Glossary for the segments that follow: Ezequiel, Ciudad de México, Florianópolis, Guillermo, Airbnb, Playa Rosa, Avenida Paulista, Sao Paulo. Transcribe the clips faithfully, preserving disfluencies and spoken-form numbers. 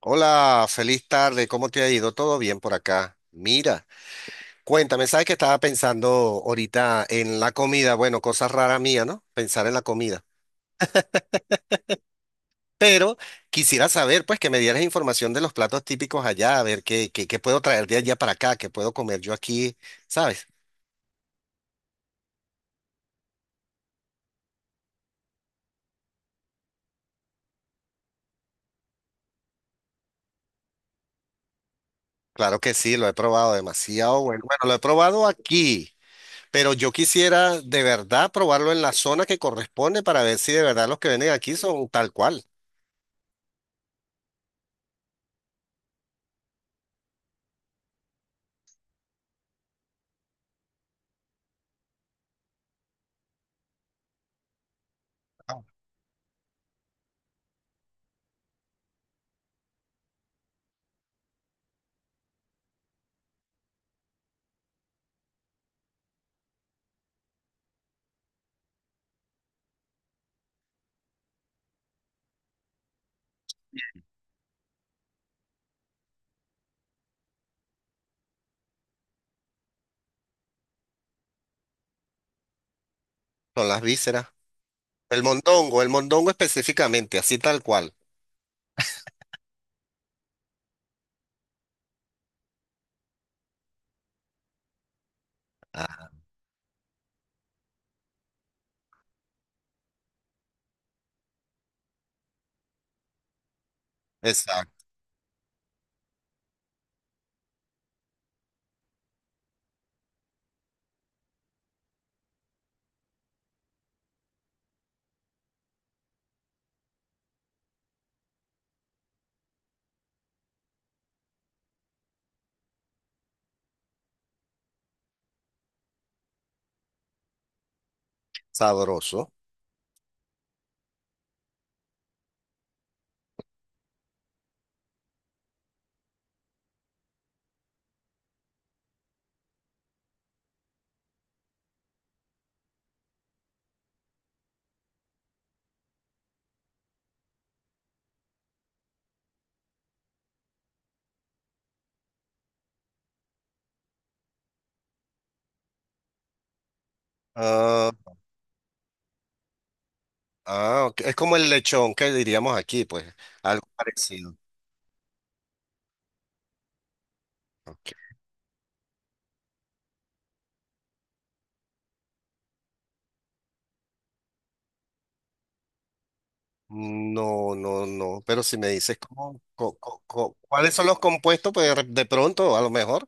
Hola, feliz tarde. ¿Cómo te ha ido? ¿Todo bien por acá? Mira, cuéntame, ¿sabes que estaba pensando ahorita en la comida? Bueno, cosa rara mía, ¿no? Pensar en la comida. Pero quisiera saber, pues, que me dieras información de los platos típicos allá, a ver qué, qué, qué puedo traer de allá para acá, qué puedo comer yo aquí, ¿sabes? Claro que sí, lo he probado demasiado bueno. Bueno, lo he probado aquí, pero yo quisiera de verdad probarlo en la zona que corresponde para ver si de verdad los que venden aquí son tal cual, son las vísceras. El mondongo, el mondongo específicamente, así tal cual. Ah, exacto. Sabroso. Ah, ah, ok. Es como el lechón que diríamos aquí, pues, algo parecido. Ok. No, no, no, pero si me dices cómo, co- co- co- cuáles son los compuestos, pues de de pronto, a lo mejor.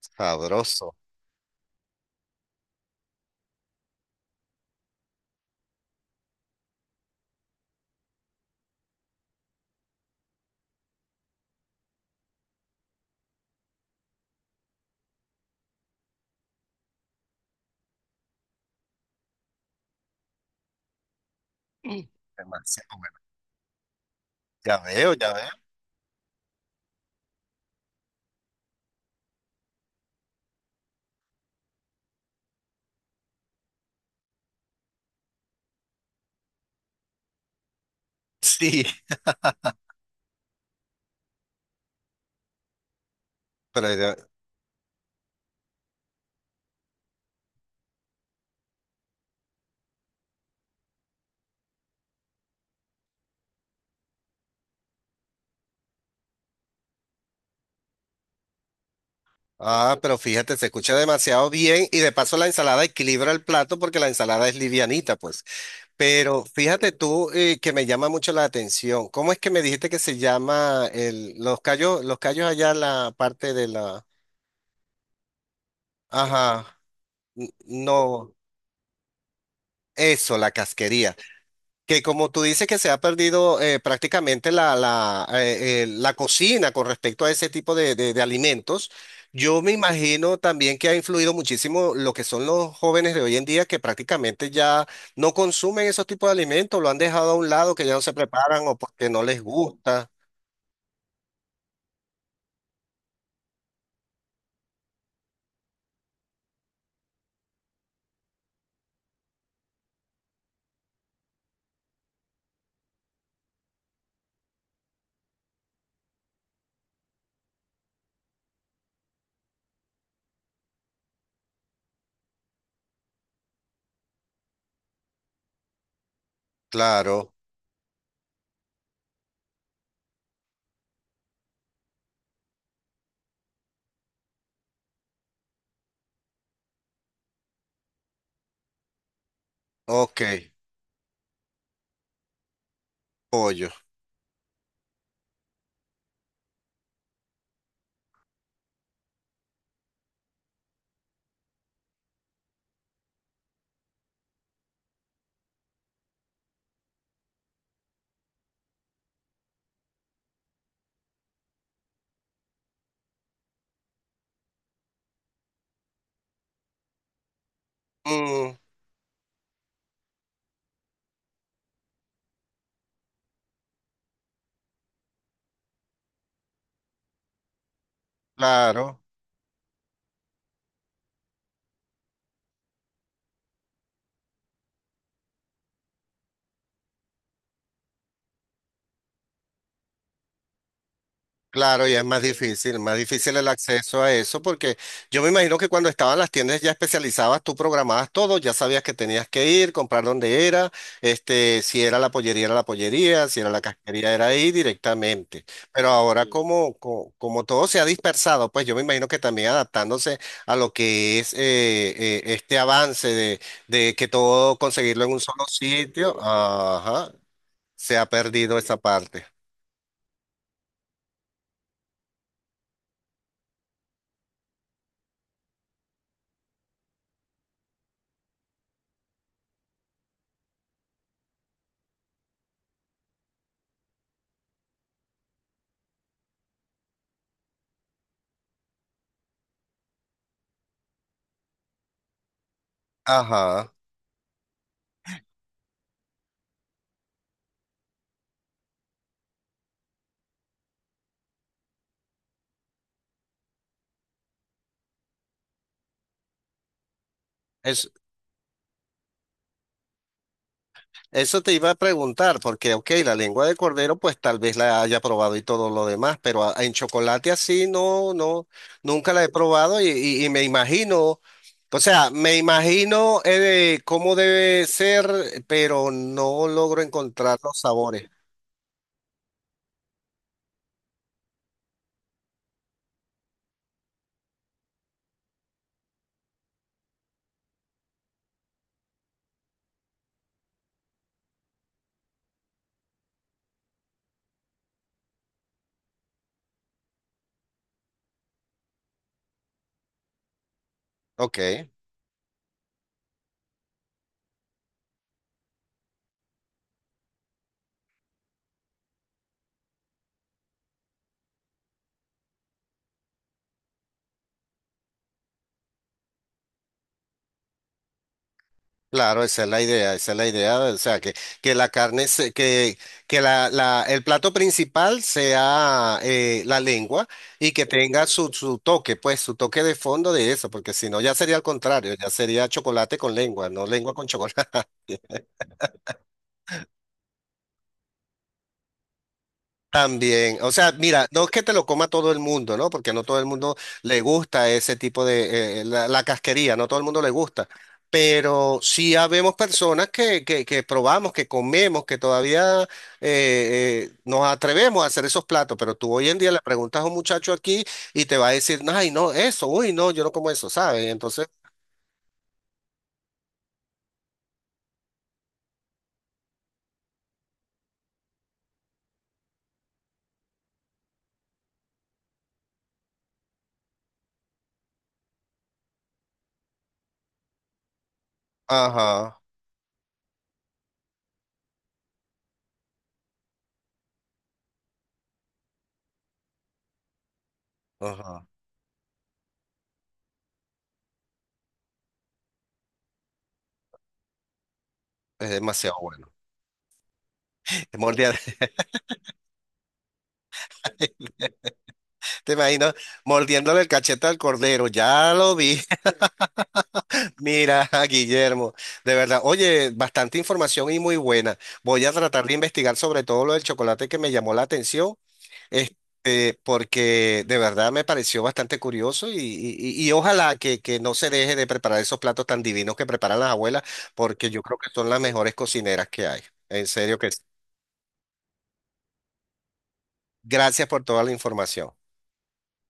Sabroso. Demasiado bueno. Ya veo, ya veo. Sí, pero ya- ah, pero fíjate, se escucha demasiado bien y de paso la ensalada equilibra el plato porque la ensalada es livianita, pues. Pero fíjate tú eh, que me llama mucho la atención. ¿Cómo es que me dijiste que se llama el, los callos, los callos allá la parte de la... Ajá, n- no, eso, la casquería. Que como tú dices que se ha perdido eh, prácticamente la, la, eh, eh, la cocina con respecto a ese tipo de, de- de alimentos, yo me imagino también que ha influido muchísimo lo que son los jóvenes de hoy en día que prácticamente ya no consumen esos tipos de alimentos, lo han dejado a un lado, que ya no se preparan o porque no les gusta. Claro, ok, pollo. Mm, claro. Claro, y es más difícil, más difícil el acceso a eso, porque yo me imagino que cuando estaban las tiendas ya especializadas, tú programabas todo, ya sabías que tenías que ir, comprar dónde era, este, si era la pollería, era la pollería, si era la casquería, era ahí directamente. Pero ahora sí. Como, co- como todo se ha dispersado, pues yo me imagino que también adaptándose a lo que es eh, eh, este avance de, de que todo conseguirlo en un solo sitio, ajá, se ha perdido esa parte. Ajá. es Eso te iba a preguntar, porque, ok, la lengua de cordero, pues tal vez la haya probado y todo lo demás, pero a- en chocolate así no, no, nunca la he probado y, y- y me imagino, o sea, me imagino eh, cómo debe ser, pero no logro encontrar los sabores. Ok. Claro, esa es la idea, esa es la idea, o sea, que, que la carne, se- que, que la, la- el plato principal sea eh, la lengua y que tenga su, su toque, pues su toque de fondo de eso, porque si no ya sería al contrario, ya sería chocolate con lengua, no lengua con chocolate. También, o sea, mira, no es que te lo coma todo el mundo, ¿no? Porque no todo el mundo le gusta ese tipo de, eh, eh, la, la casquería, no todo el mundo le gusta. Pero sí habemos personas que, que, que probamos, que comemos, que todavía eh, eh, nos atrevemos a hacer esos platos. Pero tú hoy en día le preguntas a un muchacho aquí y te va a decir, ay, no, eso, uy, no, yo no como eso, ¿sabes? Entonces, ajá, ajá, es demasiado bueno. Mordiendo, te imagino, mordiéndole el cachete al cordero, ya lo vi. Mira, Guillermo, de verdad, oye, bastante información y muy buena. Voy a tratar de investigar sobre todo lo del chocolate que me llamó la atención, este, porque de verdad me pareció bastante curioso y, y- y- y ojalá que, que no se deje de preparar esos platos tan divinos que preparan las abuelas, porque yo creo que son las mejores cocineras que hay. En serio que sí. Gracias por toda la información.